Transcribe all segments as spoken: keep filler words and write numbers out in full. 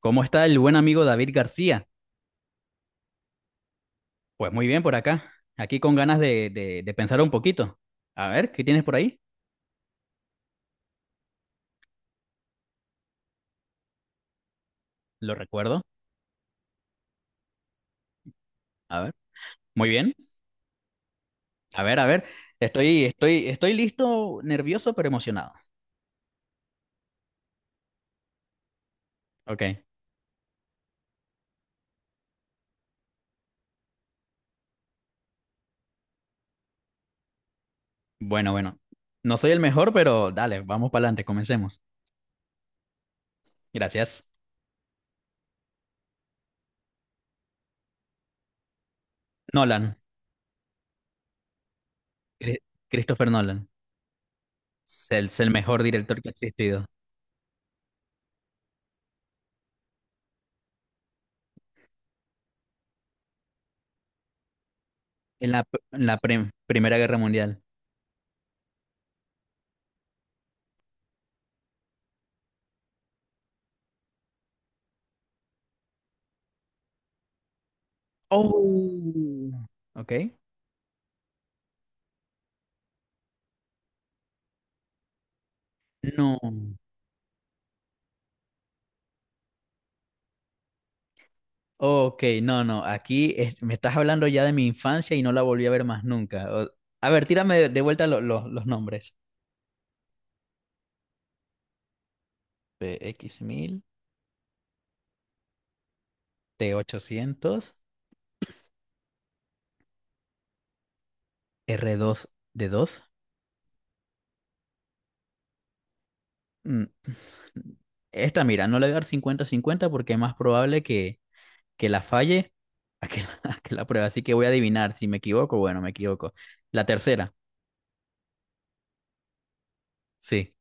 ¿Cómo está el buen amigo David García? Pues muy bien por acá, aquí con ganas de, de- de pensar un poquito. A ver, ¿qué tienes por ahí? Lo recuerdo. A ver, muy bien. A ver, a ver, estoy, estoy, estoy listo, nervioso, pero emocionado. Ok, bueno, bueno. No soy el mejor, pero dale, vamos para adelante, comencemos. Gracias. Nolan, Cri- Christopher Nolan, es el, es el mejor director que ha existido en la, en la prim- Primera Guerra Mundial. Oh, ok. No. Ok, no, no, aquí es- me estás hablando ya de mi infancia y no la volví a ver más nunca. O- a ver, tírame de de vuelta lo- lo- los nombres. P X mil, t ochocientos, r dos d dos. Mm, Esta, mira, no le voy a dar cincuenta cincuenta porque es más probable que, que la falle a que la, a que la pruebe. Así que voy a adivinar. Si me equivoco, bueno, me equivoco. La tercera, sí.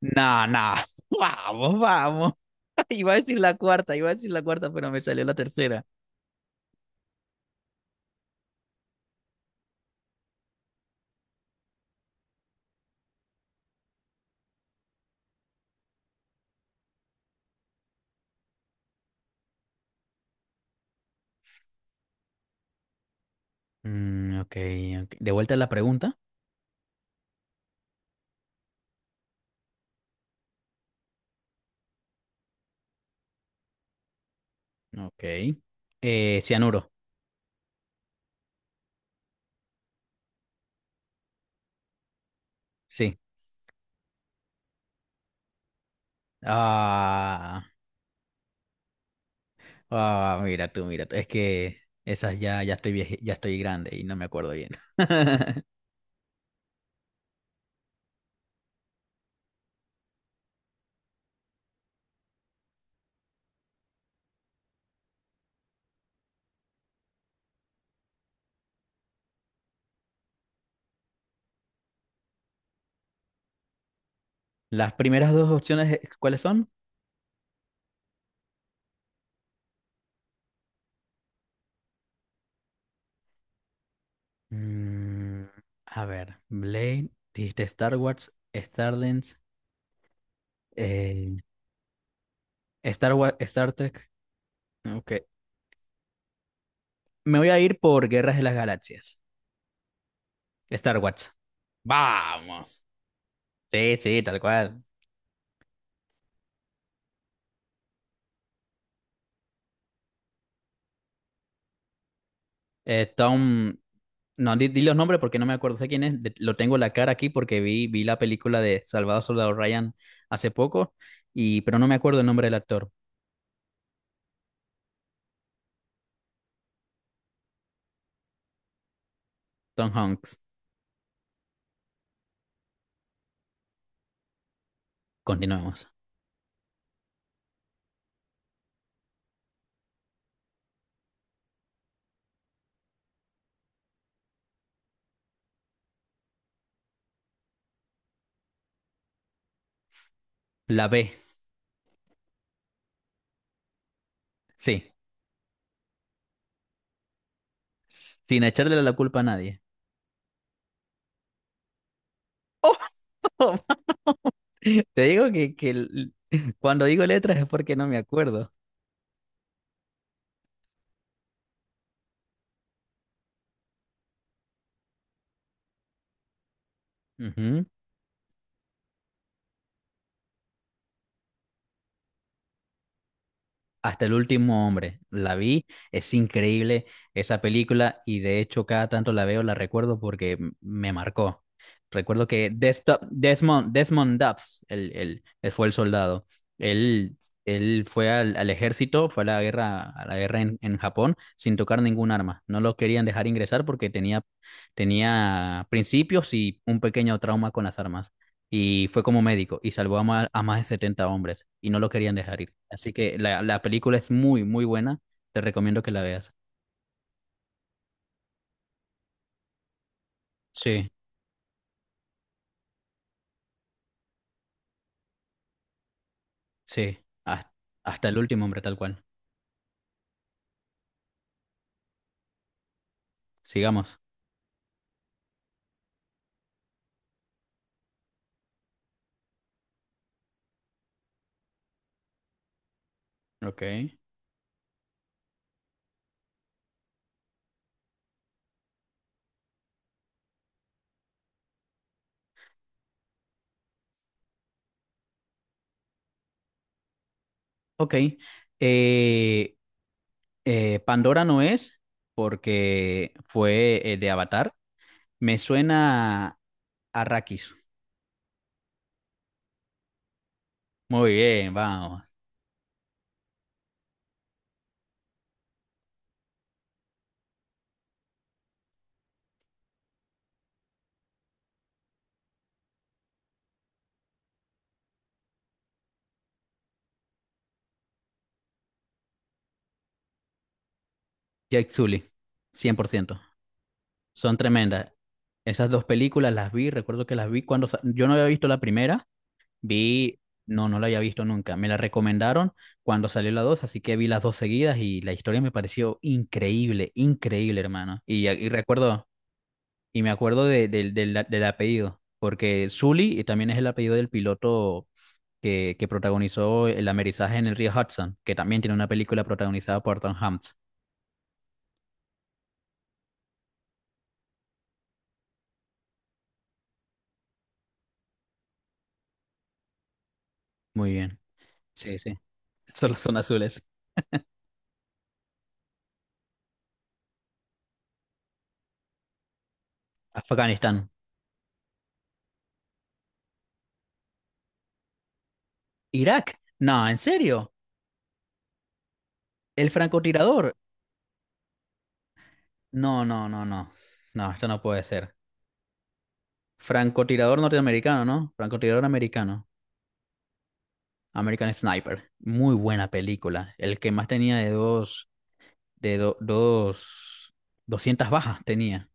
No, no. Vamos, vamos. Iba a decir la cuarta, iba a decir la cuarta, pero me salió la tercera. Mm, ok, ok. De vuelta a la pregunta. Ok. Eh, cianuro, sí. Ah, ah, mira tú, mira tú. Es que esas ya, ya estoy vieje- ya estoy grande y no me acuerdo bien. Las primeras dos opciones, eh, ¿cuáles son? Mm, a ver, Blade, dijiste Star Wars, Stardance, eh, Star Wars, Star Trek. Ok. Me voy a ir por Guerras de las Galaxias. Star Wars. Vamos. Sí, sí, tal cual. Eh, Tom, no, di, di los nombres porque no me acuerdo, sé quién es, le- lo tengo la cara aquí porque vi, vi la película de Salvador Soldado Ryan hace poco, y, pero no me acuerdo el nombre del actor, Tom Hanks. Continuemos. La B, sí, sin echarle la culpa a nadie. Te digo que, que el- cuando digo letras es porque no me acuerdo. Ujú. Hasta el último hombre. La vi, es increíble esa película y de hecho cada tanto la veo, la recuerdo porque m- me marcó. Recuerdo que Desktop- Desmond, Desmond Dobbs, el, el, él fue el soldado. Él, él fue al, al ejército, fue a la guerra, a la guerra en, en Japón sin tocar ningún arma. No lo querían dejar ingresar porque tenía, tenía principios y un pequeño trauma con las armas y fue como médico y salvó a más, a más de setenta hombres y no lo querían dejar ir. Así que la, la película es muy, muy buena. Te recomiendo que la veas. Sí, sí. Has- Hasta, el último hombre, tal cual. Sigamos. Ok. Ok. Eh, eh, Pandora no es porque fue eh, de Avatar. Me suena a Arrakis. Muy bien, vamos. Jake Sully, cien por ciento Son tremendas. Esas dos películas las vi, recuerdo que las vi cuando sa- yo no había visto la primera Vi, no, no la había visto nunca. Me la recomendaron cuando salió la dos así que vi las dos seguidas y la historia me pareció increíble, increíble, hermano. Y, y recuerdo, y me acuerdo de, del del- del apellido, porque Sully y también es el apellido del piloto que, que protagonizó el amerizaje en el río Hudson, que también tiene una película protagonizada por Tom Hanks. Muy bien, sí, sí. Solo son azules. Afganistán. Irak. No, ¿en serio? ¿El francotirador? No, no, no, no. No, esto no puede ser. Francotirador norteamericano, ¿no? Francotirador americano. American Sniper. Muy buena película. El que más tenía de dos, de do- dos, doscientas bajas tenía.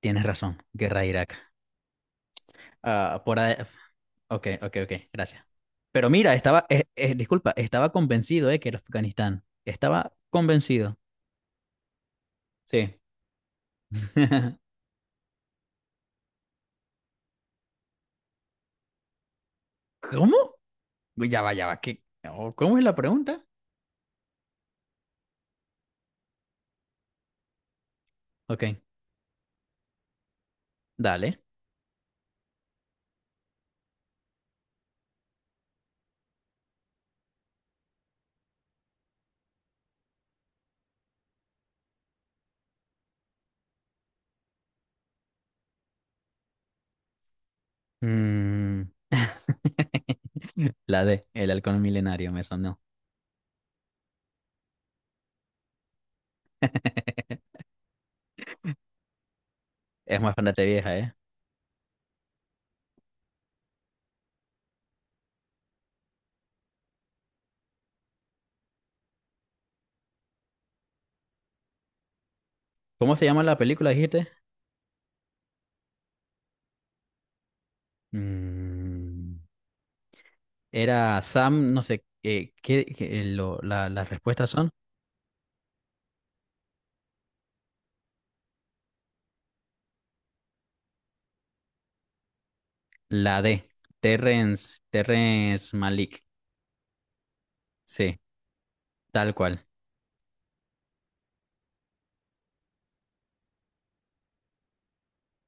Tienes razón, Guerra de Irak. Ah, por ahí. Ok, ok, ok, gracias. Pero mira, estaba, eh, eh, disculpa, estaba convencido de que era Afganistán. Estaba convencido. Sí. ¿Cómo? Ya va, ya va. ¿Qué? Oh, ¿cómo es la pregunta? Ok, dale. Mm, la de El Halcón Milenario me sonó. Es bastante vieja, ¿eh? ¿Cómo se llama la película, dijiste? Mm, era Sam, no sé, eh, ¿qué, qué- eh, lo- la- las respuestas son? La D, Terrence, Terrence Malik. Sí, tal cual.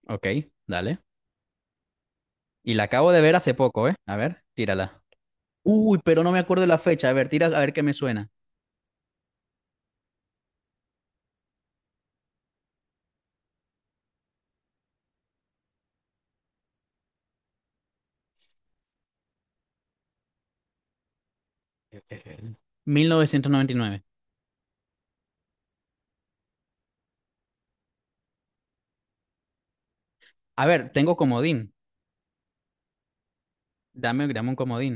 Ok, dale. Y la acabo de ver hace poco, ¿eh? A ver, tírala. Uy, pero no me acuerdo de la fecha. A ver, tira, a ver qué me suena. Mil novecientos noventa y nueve. A ver, tengo comodín. Dame, dame un comodín.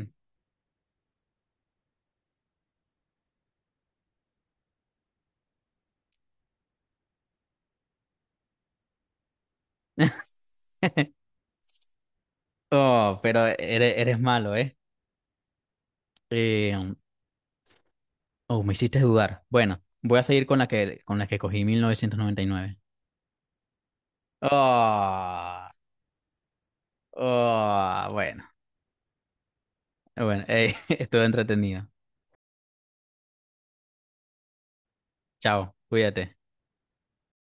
Oh, pero eres, eres malo, ¿eh? Eh, Oh, me hiciste dudar. Bueno, voy a seguir con la que, con la que, cogí mil novecientos noventa y nueve. Oh, oh, bueno, bueno, eh, estuvo entretenido. Chao, cuídate.